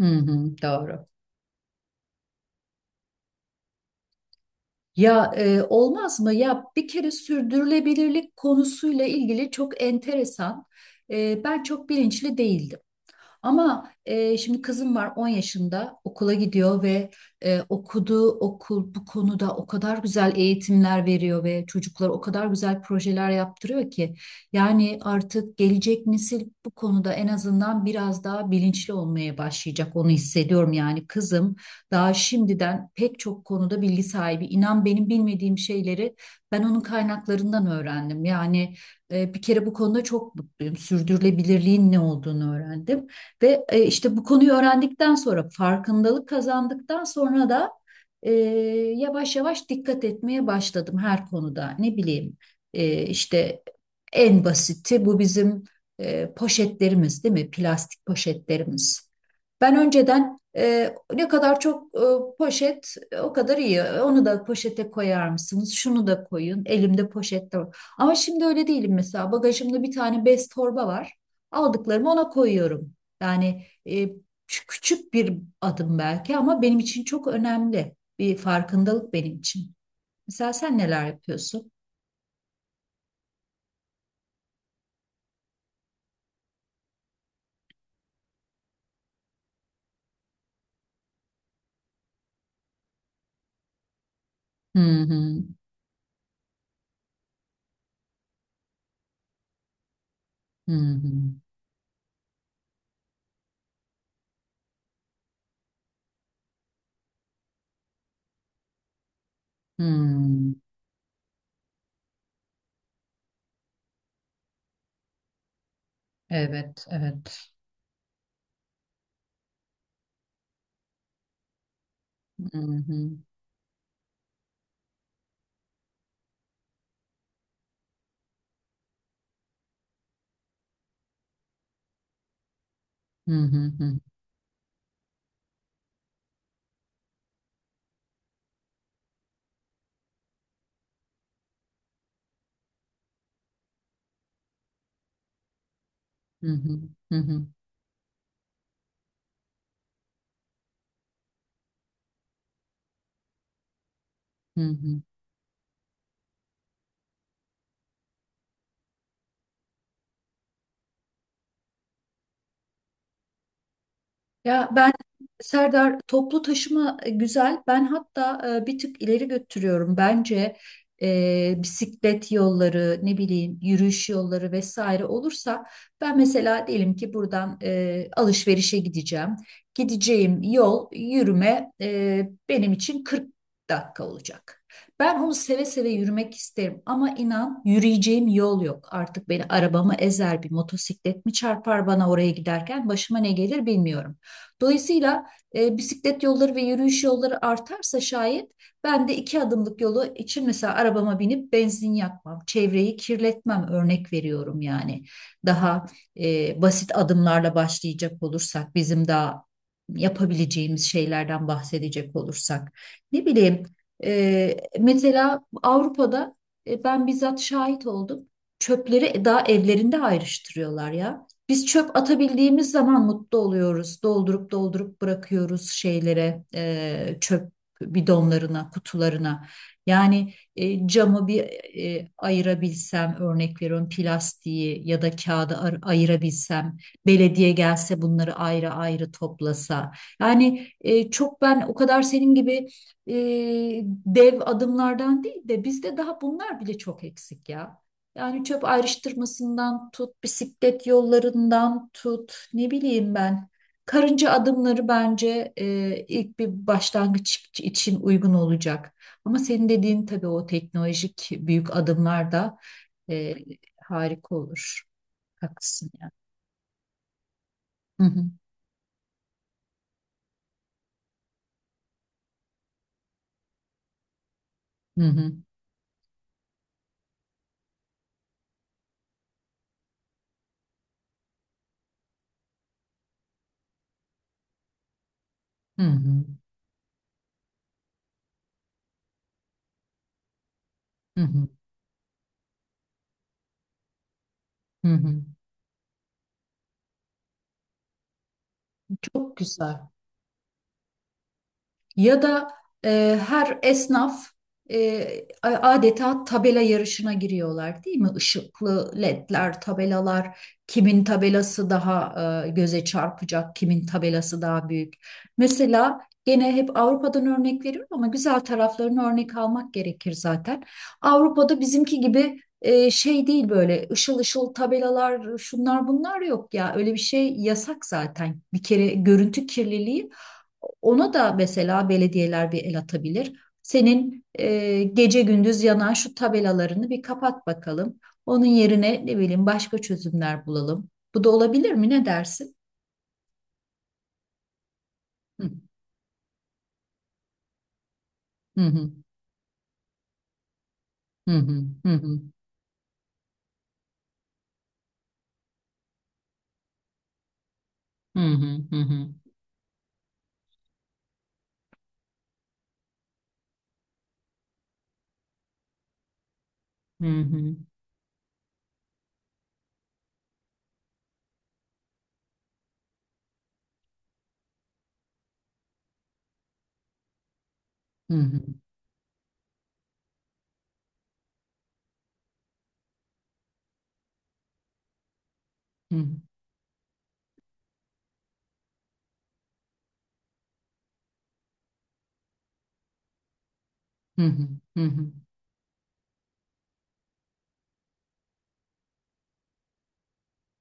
Hı hı, doğru. Ya olmaz mı? Ya bir kere sürdürülebilirlik konusuyla ilgili çok enteresan. Ben çok bilinçli değildim. Ama şimdi kızım var, 10 yaşında okula gidiyor ve okuduğu okul bu konuda o kadar güzel eğitimler veriyor ve çocuklara o kadar güzel projeler yaptırıyor ki yani artık gelecek nesil bu konuda en azından biraz daha bilinçli olmaya başlayacak, onu hissediyorum. Yani kızım daha şimdiden pek çok konuda bilgi sahibi. İnan, benim bilmediğim şeyleri ben onun kaynaklarından öğrendim. Yani bir kere bu konuda çok mutluyum, sürdürülebilirliğin ne olduğunu öğrendim. Ve işte bu konuyu öğrendikten sonra, farkındalık kazandıktan sonra da e, yavaş yavaş dikkat etmeye başladım her konuda. Ne bileyim, işte en basiti bu bizim poşetlerimiz, değil mi? Plastik poşetlerimiz. Ben önceden ne kadar çok poşet, o kadar iyi. Onu da poşete koyar mısınız? Şunu da koyun. Elimde poşet de var. Ama şimdi öyle değilim mesela. Bagajımda bir tane bez torba var. Aldıklarımı ona koyuyorum. Yani küçük bir adım belki, ama benim için çok önemli bir farkındalık, benim için. Mesela sen neler yapıyorsun? Hı hı, hı hı, hı. Evet, evet. Hı hı, hı hı, hı hı, hı hı, hı hı. Ya ben Serdar, toplu taşıma güzel. Ben hatta bir tık ileri götürüyorum. Bence bisiklet yolları, ne bileyim, yürüyüş yolları vesaire olursa, ben mesela diyelim ki buradan alışverişe gideceğim. Gideceğim yol yürüme, benim için 40 dakika olacak. Ben onu seve seve yürümek isterim, ama inan yürüyeceğim yol yok. Artık beni arabamı ezer, bir motosiklet mi çarpar, bana oraya giderken başıma ne gelir bilmiyorum. Dolayısıyla bisiklet yolları ve yürüyüş yolları artarsa şayet, ben de iki adımlık yolu için mesela arabama binip benzin yakmam, çevreyi kirletmem, örnek veriyorum yani. Daha basit adımlarla başlayacak olursak, bizim daha yapabileceğimiz şeylerden bahsedecek olursak. Ne bileyim, mesela Avrupa'da ben bizzat şahit oldum. Çöpleri daha evlerinde ayrıştırıyorlar ya. Biz çöp atabildiğimiz zaman mutlu oluyoruz. Doldurup doldurup bırakıyoruz şeylere, çöp bidonlarına, kutularına. Yani camı bir ayırabilsem, örnek veriyorum, plastiği ya da kağıdı ayırabilsem, belediye gelse bunları ayrı ayrı toplasa. Yani çok, ben o kadar senin gibi e, dev adımlardan değil de, bizde daha bunlar bile çok eksik ya. Yani çöp ayrıştırmasından tut, bisiklet yollarından tut, ne bileyim ben. Karınca adımları bence ilk bir başlangıç için uygun olacak. Ama senin dediğin tabii o teknolojik büyük adımlar da e, harika olur. Haklısın ya. Hı hı, hı hı, hı hı, hı hı, hı hı. Çok güzel. Ya da her esnaf e, adeta tabela yarışına giriyorlar, değil mi? Işıklı ledler, tabelalar, kimin tabelası daha göze çarpacak, kimin tabelası daha büyük. Mesela gene hep Avrupa'dan örnek veriyorum, ama güzel taraflarını örnek almak gerekir zaten. Avrupa'da bizimki gibi şey değil, böyle ışıl ışıl tabelalar, şunlar bunlar yok ya, öyle bir şey yasak zaten. Bir kere görüntü kirliliği, ona da mesela belediyeler bir el atabilir. Senin gece gündüz yanan şu tabelalarını bir kapat bakalım. Onun yerine, ne bileyim, başka çözümler bulalım. Bu da olabilir mi? Ne dersin? Hı hı, hı hı, hı hı, hı hı, hı hı, hı hı, hı hı, hı hı, hı hı, hı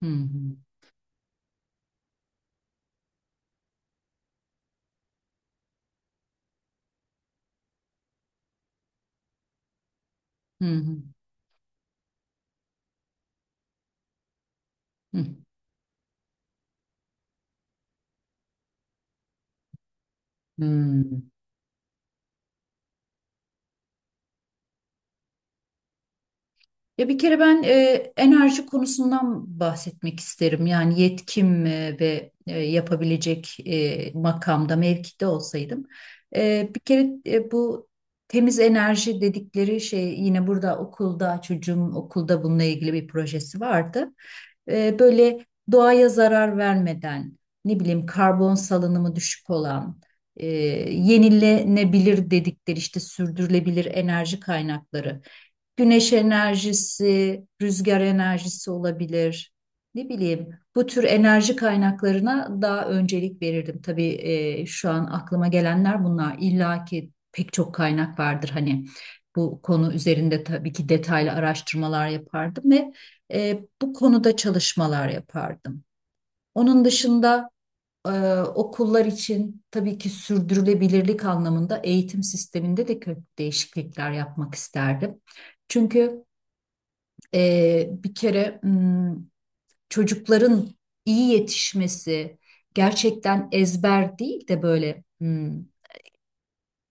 hı, hı hı, hı. Hı. Ya bir kere ben enerji konusundan bahsetmek isterim. Yani yetkim ve yapabilecek makamda, mevkide olsaydım. Bir kere bu temiz enerji dedikleri şey, yine burada okulda, çocuğum okulda bununla ilgili bir projesi vardı. Böyle doğaya zarar vermeden, ne bileyim karbon salınımı düşük olan, e, yenilenebilir dedikleri, işte sürdürülebilir enerji kaynakları. Güneş enerjisi, rüzgar enerjisi olabilir. Ne bileyim, bu tür enerji kaynaklarına daha öncelik verirdim. Tabii şu an aklıma gelenler bunlar. İlla ki pek çok kaynak vardır hani. Bu konu üzerinde tabii ki detaylı araştırmalar yapardım ve bu konuda çalışmalar yapardım. Onun dışında e, okullar için tabii ki sürdürülebilirlik anlamında eğitim sisteminde de köklü değişiklikler yapmak isterdim. Çünkü bir kere, çocukların iyi yetişmesi, gerçekten ezber değil de böyle,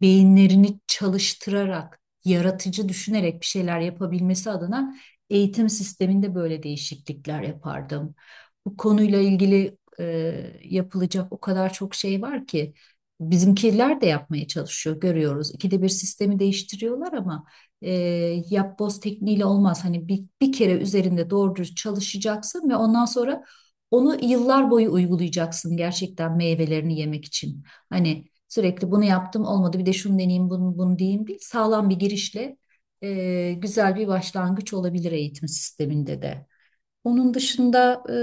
beyinlerini çalıştırarak, yaratıcı düşünerek bir şeyler yapabilmesi adına, eğitim sisteminde böyle değişiklikler yapardım. Bu konuyla ilgili yapılacak o kadar çok şey var ki, bizimkiler de yapmaya çalışıyor, görüyoruz. İkide bir sistemi değiştiriyorlar ama e, yapboz tekniğiyle olmaz. Hani bir kere üzerinde doğru dürüst çalışacaksın ve ondan sonra onu yıllar boyu uygulayacaksın, gerçekten meyvelerini yemek için. Hani sürekli bunu yaptım, olmadı, bir de şunu deneyeyim, bunu, bunu diyeyim değil. Sağlam bir girişle güzel bir başlangıç olabilir eğitim sisteminde de. Onun dışında,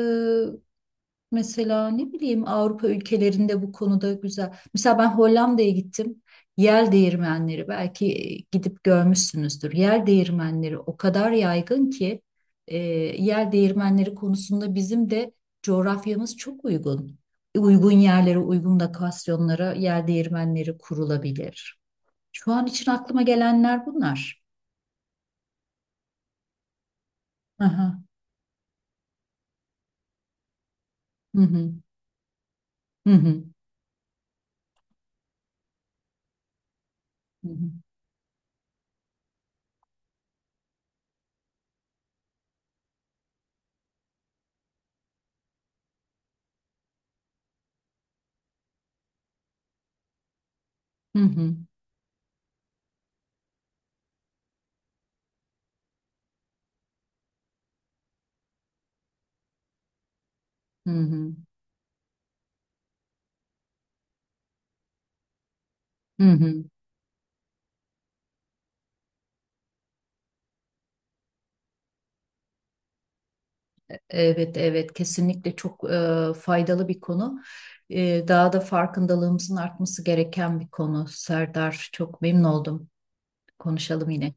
mesela ne bileyim, Avrupa ülkelerinde bu konuda güzel. Mesela ben Hollanda'ya gittim. Yel değirmenleri belki gidip görmüşsünüzdür. Yel değirmenleri o kadar yaygın ki, e, yel değirmenleri konusunda bizim de coğrafyamız çok uygun. Uygun yerlere, uygun lokasyonlara yel değirmenleri kurulabilir. Şu an için aklıma gelenler bunlar. Aha. Hı hı. Hı hı. Hı hı. Hı hı. Hı hı. Hı hı. Evet, evet, kesinlikle çok faydalı bir konu. Daha da farkındalığımızın artması gereken bir konu. Serdar, çok memnun oldum. Konuşalım yine.